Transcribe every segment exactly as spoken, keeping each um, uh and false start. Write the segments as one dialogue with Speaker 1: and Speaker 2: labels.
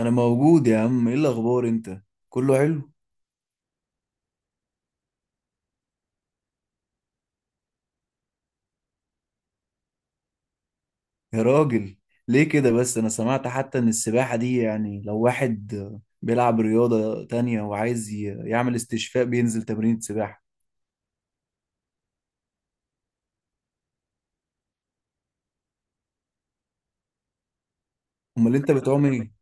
Speaker 1: انا موجود يا عم، ايه الاخبار انت؟ كله حلو. يا راجل، ليه كده بس؟ انا سمعت حتى ان السباحة دي يعني لو واحد بيلعب رياضة تانية وعايز ي- يعمل استشفاء بينزل تمرين سباحة. امال انت بتعوم ايه؟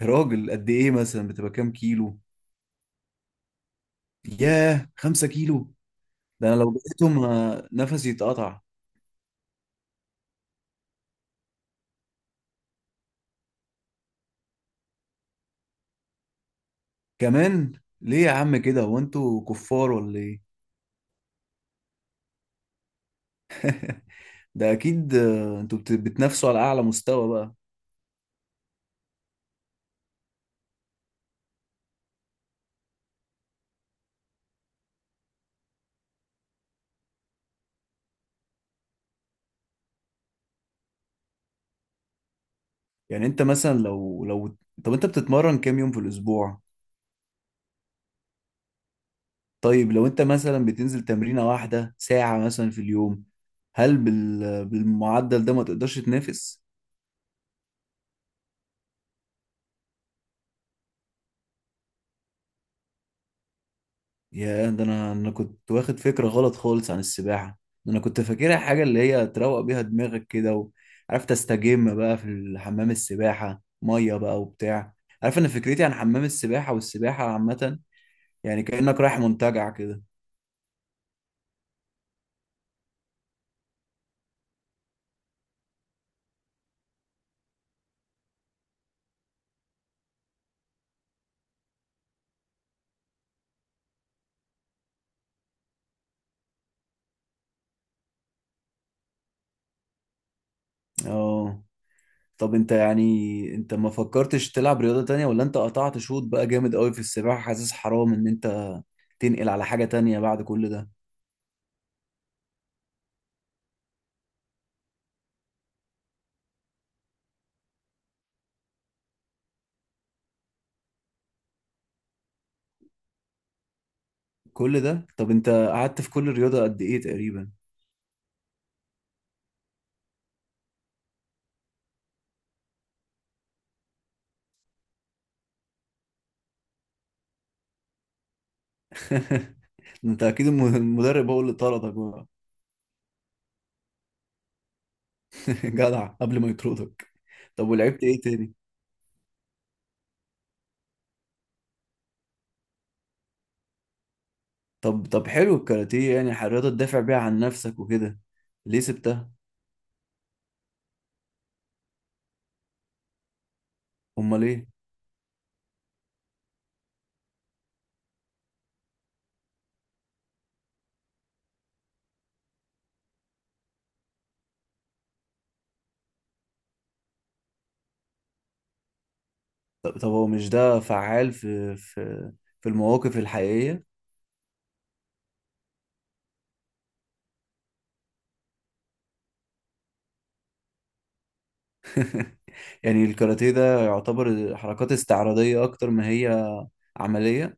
Speaker 1: يا راجل، قد ايه مثلا بتبقى كام كيلو؟ ياه، خمسة كيلو! ده انا لو بقيتهم آه، نفسي يتقطع. كمان؟ ليه يا عم كده؟ هو انتوا كفار ولا ايه؟ ده اكيد، آه، انتوا بت- بتنافسوا على اعلى مستوى بقى. يعني انت مثلا لو لو طب انت بتتمرن كام يوم في الاسبوع؟ طيب لو انت مثلا بتنزل تمرينة واحدة ساعة مثلا في اليوم، هل بال... بالمعدل ده ما تقدرش تنافس؟ يا، ده انا انا كنت واخد فكرة غلط خالص عن السباحة. ده انا كنت فاكرها حاجة اللي هي تروق بيها دماغك كده، وعارف تستجم بقى في حمام السباحة، مية بقى وبتاع. عارف، انا فكرتي عن حمام السباحة والسباحة عامة يعني كأنك رايح منتجع كده. اه. طب انت يعني انت ما فكرتش تلعب رياضة تانية؟ ولا انت قطعت شوط بقى جامد قوي في السباحة، حاسس حرام ان انت تنقل على حاجة تانية بعد كل ده؟ كل ده؟ طب انت قعدت في كل رياضة قد ايه تقريبا؟ انت اكيد الم- المدرب هو اللي طردك بقى. جدع، قبل ما يطردك. طب، ولعبت ايه تاني؟ طب طب، حلو الكاراتيه يعني، ح- رياضة تدافع بيها عن نفسك وكده. ليه سبتها؟ امال ايه؟ طب, طب، هو مش ده فعال في في في المواقف الحقيقية؟ يعني الكاراتيه ده يعتبر حركات استعراضية أكتر ما هي عملية؟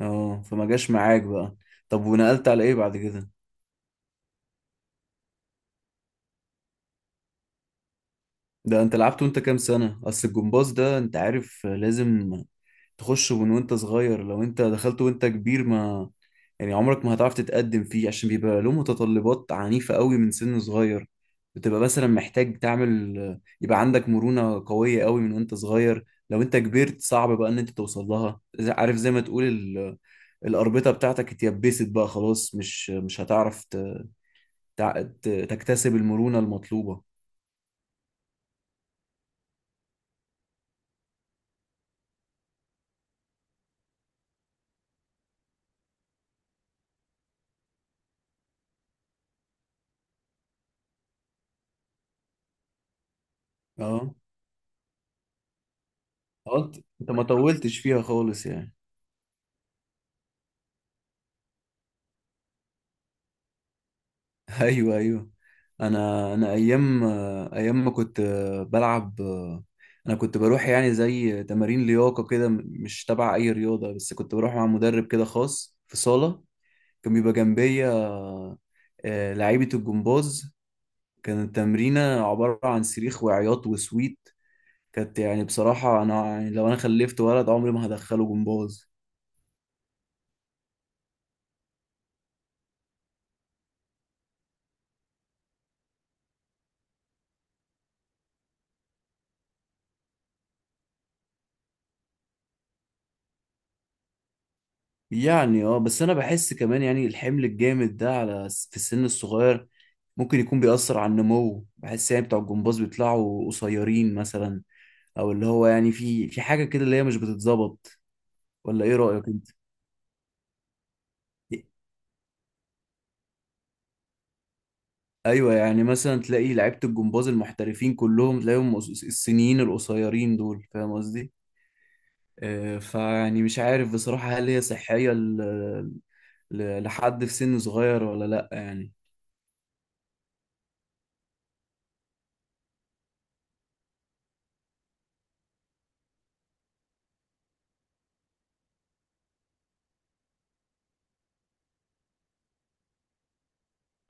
Speaker 1: اه، فما جاش معاك بقى. طب، ونقلت على إيه بعد كده؟ ده أنت لعبت وأنت كام سنة؟ أصل الجمباز ده أنت عارف، لازم تخش من وأنت صغير. لو أنت دخلت وأنت كبير، ما يعني عمرك ما هتعرف تتقدم فيه، عشان بيبقى له متطلبات عنيفة قوي من سن صغير. بتبقى مثلا محتاج تعمل، يبقى عندك مرونة قوية قوي من وانت صغير. لو انت كبرت صعب بقى ان انت توصل لها، زي- عارف زي ما تقول ال... الأربطة بتاعتك اتيبست بقى خلاص، مش مش هتعرف ت... تع- ت... تكتسب المرونة المطلوبة. اه. آه، انت أنت ما طولتش فيها خالص يعني. ايوه، ايوه. انا انا ايام ايام ما كنت بلعب. انا كنت بروح يعني زي تمارين لياقه كده، مش تبع اي رياضه، بس كنت بروح مع مدرب كده خاص في صاله، كان بيبقى جنبيا آه، لعيبه الجمباز. كانت التمرينه عباره عن صريخ وعياط وسويت. كانت يعني بصراحه انا، يعني لو انا خلفت ولد عمري ما هدخله جمباز. يعني اه، بس انا بحس كمان يعني الحمل الجامد ده على في السن الصغير ممكن يكون بيأثر على النمو. بحس يعني بتوع الجمباز بيطلعوا قصيرين مثلا، او اللي هو يعني في في حاجة كده اللي هي مش بتتظبط، ولا ايه رأيك انت؟ ايوه، يعني مثلا تلاقي لعيبة الجمباز المحترفين كلهم تلاقيهم الس- السنيين القصيرين دول، فاهم قصدي؟ آه، فيعني مش عارف بصراحة، هل هي صحية ل- ل- لحد في سن صغير ولا لأ يعني؟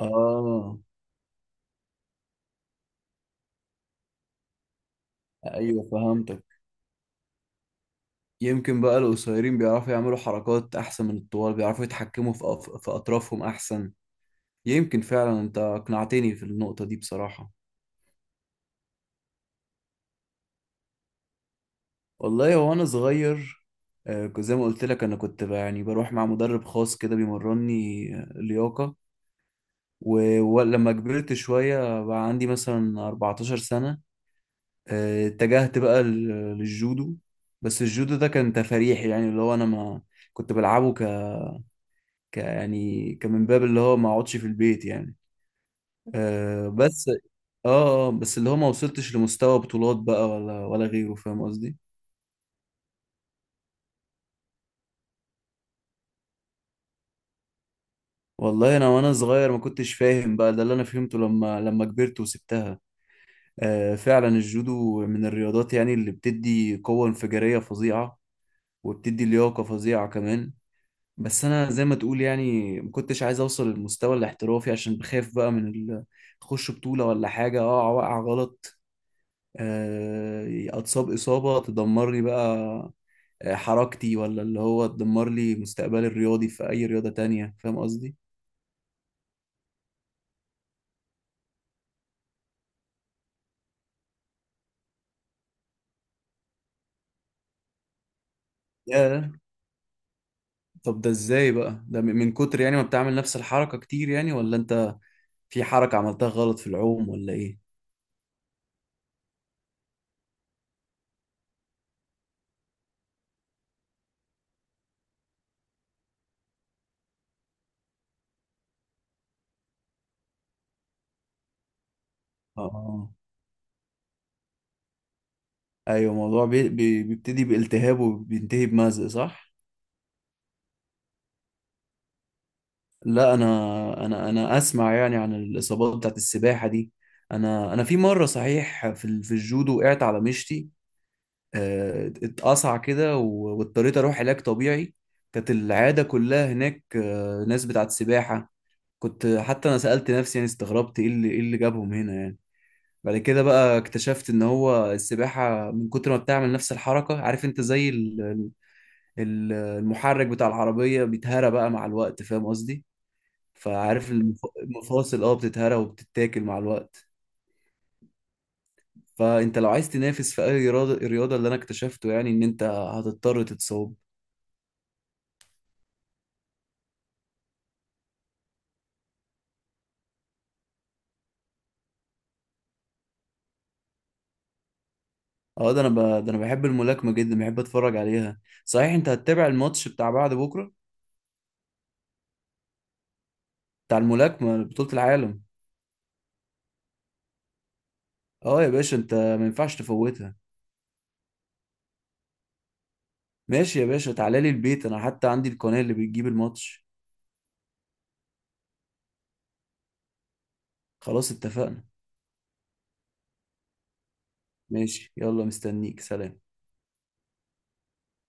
Speaker 1: اه، ايوه فهمتك. يمكن بقى القصيرين بيعرفوا يعملوا حركات أحسن من الطوال، بيعرفوا يتحكموا في أف- في أطرافهم أحسن. يمكن فعلا، أنت أقنعتني في النقطة دي بصراحة. والله هو أنا صغير، آه، ك- زي ما قلت لك أنا كنت بقى يعني بروح مع مدرب خاص كده بيمرني آه، لياقة. و- ولما كبرت شوية بقى عندي مثلا اربعتاشر سنة، آه، اتجهت بقى لل- للجودو. بس الجودو ده كان تفريحي يعني اللي هو أنا ما كنت بلعبه ك... ك... يعني كمن باب اللي هو ما أقعدش في البيت يعني. آه بس اه آه، بس اللي هو ما وصلتش لمستوى بطولات بقى ولا ولا غيره، فاهم قصدي. والله انا وانا صغير ما كنتش فاهم بقى. ده اللي انا فهمته لما لما كبرت وسبتها. آه، فعلا الجودو من الرياضات يعني اللي بتدي قوة انفجارية فظيعة، وبتدي لياقة فظيعة كمان. بس انا زي ما تقول، يعني ما كنتش عايز اوصل للمستوى الاحترافي، عشان بخاف بقى من ال- اخش بطولة ولا حاجة اقع وقع غلط، آه، اتصاب اصابة تدمرني بقى حركتي، ولا اللي هو تدمر لي مستقبلي الرياضي في اي رياضة تانية، فاهم قصدي. يا، طب ده ازاي بقى؟ ده من من كتر يعني ما بتعمل نفس الحركة كتير يعني، ولا انت في حركة عملتها غلط في العوم ولا ايه؟ اه، ايوه، الموضوع بي... بي... بيبتدي بالتهاب وبينتهي بمزق، صح؟ لا، انا انا انا اسمع يعني عن الاصابات بتاعت السباحة دي. انا انا في مرة صحيح في ال- في الجودو وقعت على مشتي، آه، اتقطع كده، و- واضطريت اروح علاج طبيعي. كانت العياده كلها هناك آه، ناس بتاعت سباحه. كنت حتى انا سالت نفسي، يعني استغربت، ايه اللي ايه اللي جابهم هنا يعني. بعد كده بقى اكتشفت ان هو السباحه من كتر ما بتعمل نفس الحركه، عارف انت، زي ال- ال- المحرك بتاع العربيه بيتهرى بقى مع الوقت، فاهم قصدي. فعارف، المف- المفاصل اه بتتهرى وبتتاكل مع الوقت. فانت لو عايز تنافس في اي رياضه، الرياضه اللي انا اكتشفته يعني ان انت هتضطر تتصاب. اه، ده انا ب... ده انا بحب الملاكمه جدا، بحب اتفرج عليها. صحيح، انت هتتابع الماتش بتاع بعد بكره؟ بتاع الملاكمه، بطوله العالم. اه يا باشا، انت ما ينفعش تفوتها. ماشي يا باشا، تعالى لي البيت، انا حتى عندي القناه اللي بتجيب الماتش. خلاص، اتفقنا. ماشي، يلا مستنيك. سلام.